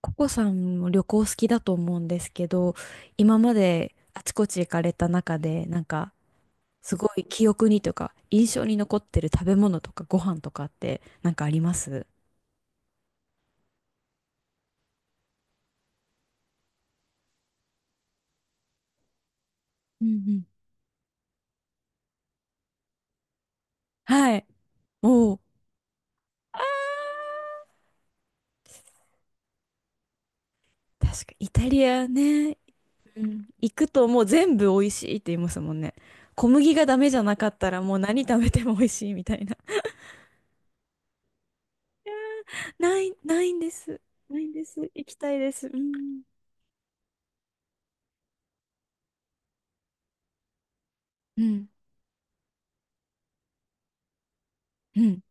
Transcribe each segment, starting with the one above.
ココさんも旅行好きだと思うんですけど、今まであちこち行かれた中で、なんかすごい記憶にというか印象に残ってる食べ物とかご飯とかってなんかあります？うんうん。はい。おう。あー確かイタリアね。うん。行くともう全部美味しいって言いますもんね。小麦がダメじゃなかったらもう何食べても美味しいみたいな。ない、ないんです。ないんです。行きたいです。うん。うん。うん。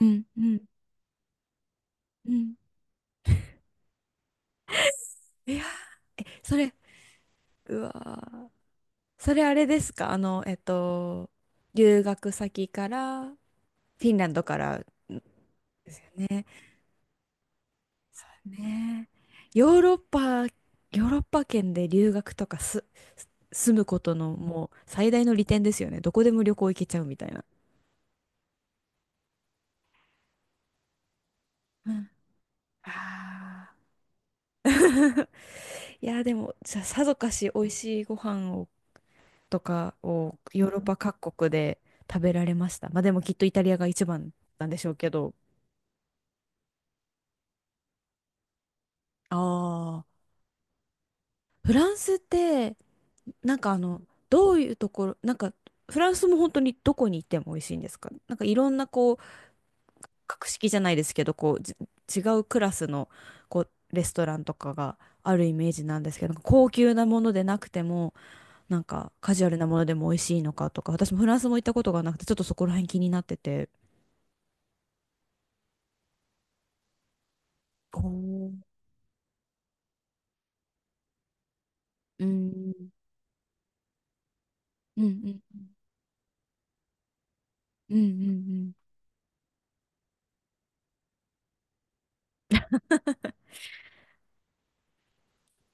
うん。うんうん。いや、それ、うわー、それあれですか？あの、留学先から、フィンランドからんですよね。そうね。ヨーロッパ、ヨーロッパ圏で留学とかす、す住むことのもう最大の利点ですよね。どこでも旅行行けちゃうみたいな。うん。ああ。いや、でも、じゃあさぞかし美味しいご飯をとかをヨーロッパ各国で食べられました。まあでもきっとイタリアが一番なんでしょうけど。ああ、フランスって、なんかあの、どういうところ、なんか、フランスも本当にどこに行っても美味しいんですか？なんかいろんなこう、格式じゃないですけど、こう、じ違うクラスの、こう、レストランとかがあるイメージなんですけど、なんか高級なものでなくても、なんかカジュアルなものでも美味しいのかとか、私もフランスも行ったことがなくて、ちょっとそこら辺気になってて。おーうん、うんうん、うんうんうん。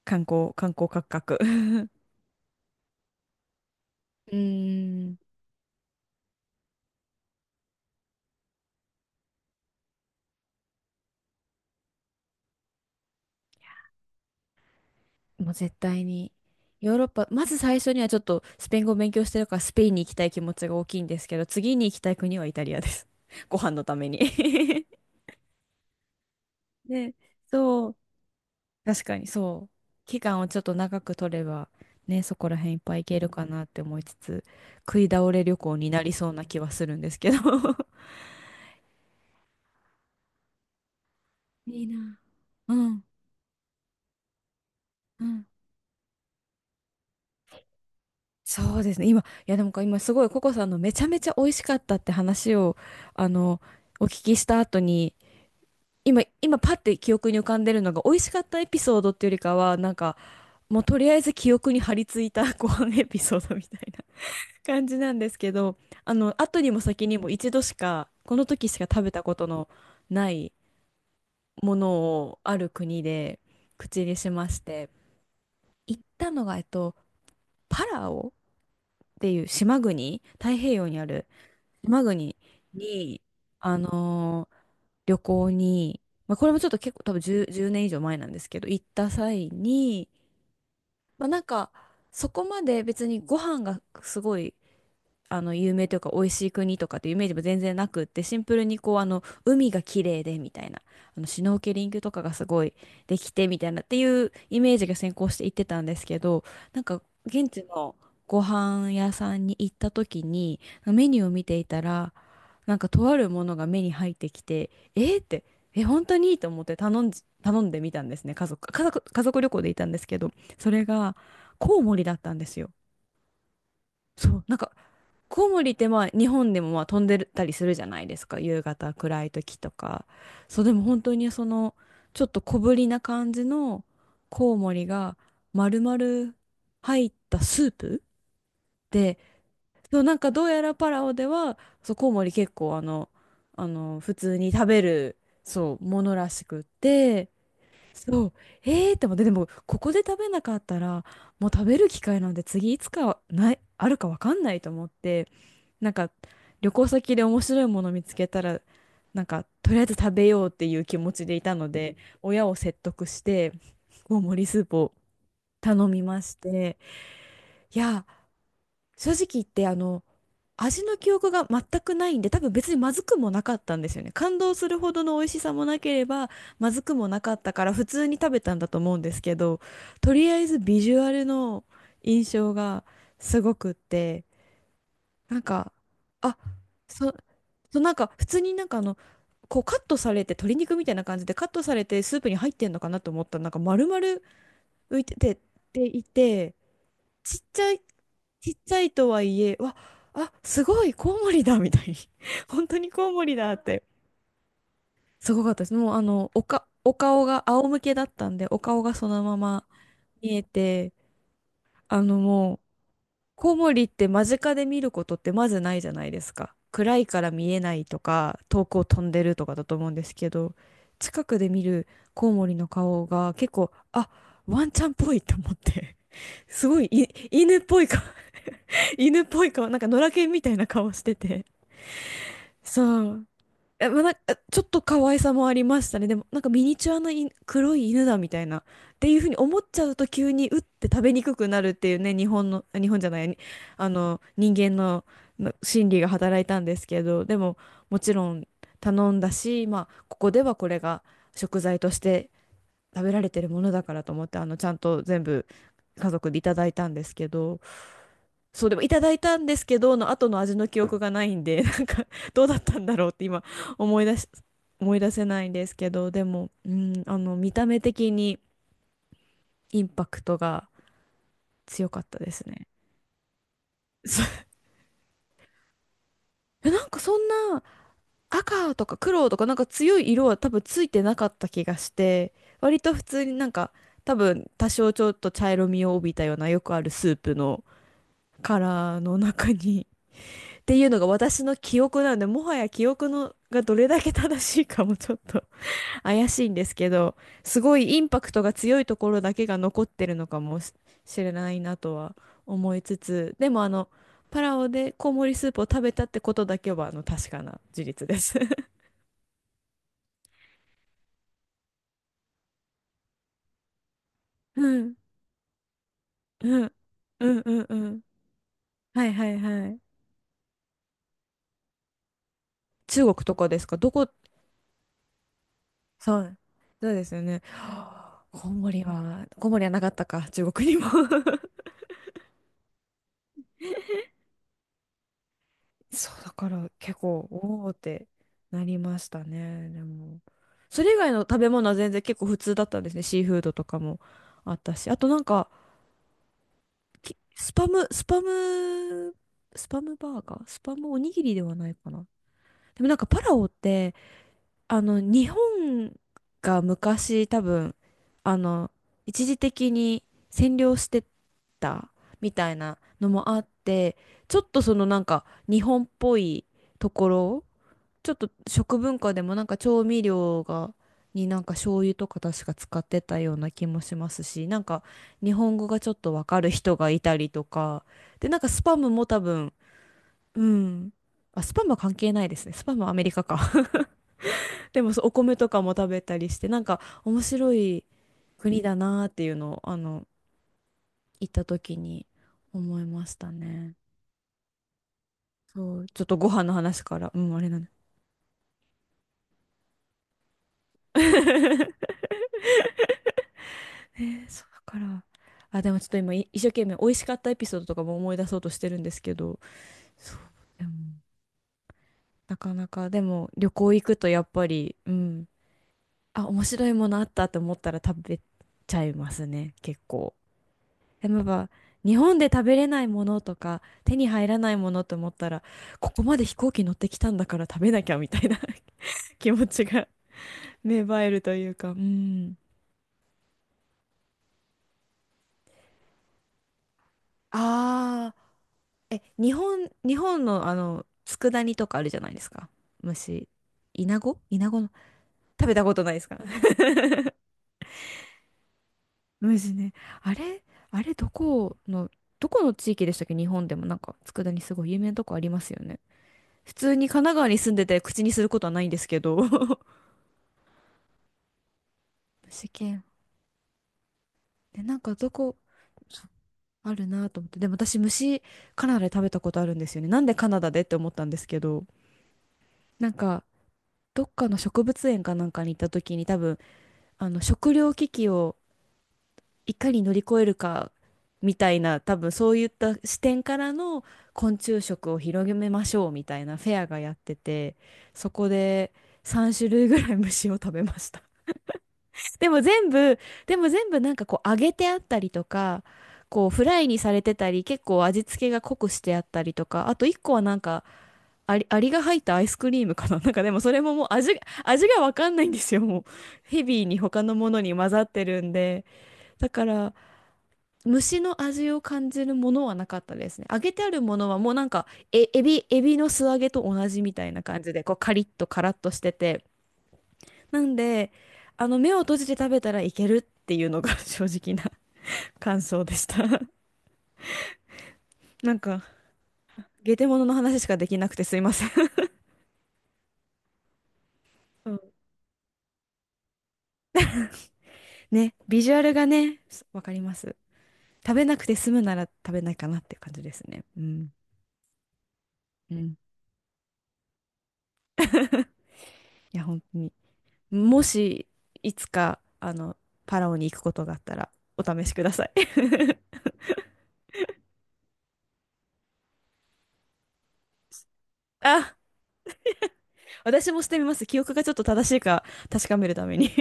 観光、観光価格。うーん、もう絶対に。ヨーロッパ、まず最初にはちょっとスペイン語を勉強してるからスペインに行きたい気持ちが大きいんですけど、次に行きたい国はイタリアです。ご飯のために ね、そう、確かにそう。期間をちょっと長く取れば、ね、そこら辺いっぱい行けるかなって思いつつ、食い倒れ旅行になりそうな気はするんですけど。 いいな。うん、うん。そうですね。今、いやでもか今すごいココさんのめちゃめちゃ美味しかったって話を、あの、お聞きした後に、今、今パッて記憶に浮かんでるのが美味しかったエピソードっていうよりかは、なんか、もうとりあえず記憶に張り付いた ご飯エピソードみたいな 感じなんですけど、あの、後にも先にも一度しか、この時しか食べたことのないものをある国で口にしまして、行ったのが、パラオっていう島国、太平洋にある島国に、あのー旅行に、まあ、これもちょっと結構多分10、年以上前なんですけど、行った際に、まあ、なんか、そこまで別にご飯がすごいあの有名というか美味しい国とかっていうイメージも全然なくって、シンプルにこうあの海が綺麗でみたいな、あのシュノーケリングとかがすごいできてみたいなっていうイメージが先行していってたんですけど、なんか現地のご飯屋さんに行った時にメニューを見ていたら、なんかとあるものが目に入ってきて、えーって、え本当にと思って頼んでみたんですね。家族旅行で行ったんですけど、それがコウモリだったんですよ。そう、なんかコウモリってまあ日本でもまあ飛んでたりするじゃないですか、夕方暗い時とか。そうでも本当にそのちょっと小ぶりな感じのコウモリが丸々入ったスープで、そうなんかどうやらパラオではそうコウモリ結構あの、あの普通に食べるそうものらしくって。そう。えーって思って、でも、ここで食べなかったら、もう食べる機会なんて次いつかない、あるかわかんないと思って、なんか、旅行先で面白いもの見つけたら、なんか、とりあえず食べようっていう気持ちでいたので、親を説得して、大盛りスープを頼みまして、いや、正直言って、あの、味の記憶が全くないんで、多分別にまずくもなかったんですよね。感動するほどの美味しさもなければ、まずくもなかったから、普通に食べたんだと思うんですけど、とりあえずビジュアルの印象がすごくって、なんか、あ、そ、そうなんか、普通になんかあの、こうカットされて鶏肉みたいな感じでカットされてスープに入ってんのかなと思ったらなんか丸々浮いてて、っていて、ちっちゃい、ちっちゃいとはいえ、わ、あ、すごい、コウモリだ、みたいに。本当にコウモリだって。すごかったです。もう、あの、おか、お顔が仰向けだったんで、お顔がそのまま見えて、あの、もう、コウモリって間近で見ることってまずないじゃないですか。暗いから見えないとか、遠くを飛んでるとかだと思うんですけど、近くで見るコウモリの顔が結構、あ、ワンちゃんっぽいと思って。すごい、い、犬っぽい顔 犬っぽい顔、なんか野良犬みたいな顔してて。そう。え、まあ、なんか、ちょっと可愛さもありましたね。でも、なんかミニチュアの犬、黒い犬だみたいな。っていうふうに思っちゃうと急にうって食べにくくなるっていうね、日本の、あ日本じゃない、に、あの、人間の、の心理が働いたんですけど、でも、もちろん頼んだし、まあ、ここではこれが食材として食べられてるものだからと思って、あの、ちゃんと全部家族でいただいたんですけど、そうでもいただいたんですけどの後の味の記憶がないんで なんかどうだったんだろうって今思い出し思い出せないんですけど、でもうんあの見た目的にインパクトが強かったですね。そう、えなんかそんな赤とか黒とかなんか強い色は多分ついてなかった気がして、割と普通になんか多分多少ちょっと茶色みを帯びたようなよくあるスープのカラーの中にっていうのが私の記憶なので、もはや記憶のがどれだけ正しいかもちょっと 怪しいんですけど、すごいインパクトが強いところだけが残ってるのかもししれないなとは思いつつ、でもあの、パラオでコウモリスープを食べたってことだけはあの確かな事実です。うん、うん、うん、うん、うん。はいはいはい。中国とかですか、どこ？そう、そうですよね。はあコウモリは、コウモリはなかったか、中国にも。 そう、だから結構、おおってなりましたね。でも、それ以外の食べ物は全然結構普通だったんですね。シーフードとかもあったし。あとなんか、きスパム、スパム、スパムバーガー、スパムおにぎりではないかな。でもなんかパラオって、日本が昔多分、あの、一時的に占領してたみたいなのもあって、ちょっとそのなんか日本っぽいところ、ちょっと食文化でもなんか調味料が、になんか醤油とか確か使ってたような気もしますし、なんか日本語がちょっとわかる人がいたりとかで、なんかスパムも多分、うん、あ、スパムは関係ないですね。スパムはアメリカか。 でもそう、お米とかも食べたりして、なんか面白い国だなーっていうのを、行った時に思いましたね。そう、ちょっとご飯の話から、うん、あれなんですけど、そうだから。あ、でもちょっと今、一生懸命美味しかったエピソードとかも思い出そうとしてるんですけど、そう、でもなかなか、でも旅行行くとやっぱり、うん、あ、面白いものあったと思ったら食べちゃいますね、結構。でもやっぱ日本で食べれないものとか手に入らないものと思ったら、ここまで飛行機乗ってきたんだから食べなきゃみたいな、 気持ちが芽生えるというか、うん。ああ。え、日本の佃煮とかあるじゃないですか。虫。イナゴの、食べたことないですか？ 虫ね。あれあれ、どこの地域でしたっけ。日本でもなんか、佃煮すごい有名なとこありますよね。普通に神奈川に住んでて口にすることはないんですけど。虫系。で、なんかどこ、あるなと思って。でも私、虫、カナダで食べたことあるんですよね。なんでカナダでって思ったんですけど、なんか、どっかの植物園かなんかに行った時に多分、あの食糧危機をいかに乗り越えるかみたいな、多分そういった視点からの昆虫食を広げましょうみたいなフェアがやってて、そこで3種類ぐらい虫を食べました。 でも全部でも全部なんかこう揚げてあったりとか、こうフライにされてたり、結構味付けが濃くしてあったりとか、あと1個はなんかアリが入ったアイスクリームかな。 なんかでもそれももう、味がわかんないんですよ、もう。ヘビーに他のものに混ざってるんで。だから虫の味を感じるものはなかったですね。揚げてあるものはもうなんか、エビの素揚げと同じみたいな感じで、こうカリッとカラッとしてて、なんで、目を閉じて食べたらいけるっていうのが、 正直な感想でした。 なんかゲテモノの話しかできなくてすいません。 うん。ね、ビジュアルがね、わかります。食べなくて済むなら食べないかなっていう感じですね、うん、うん。 いや、本当に、もし、いつか、パラオに行くことがあったら、お試しください。あ、私もしてみます。記憶がちょっと正しいか確かめるために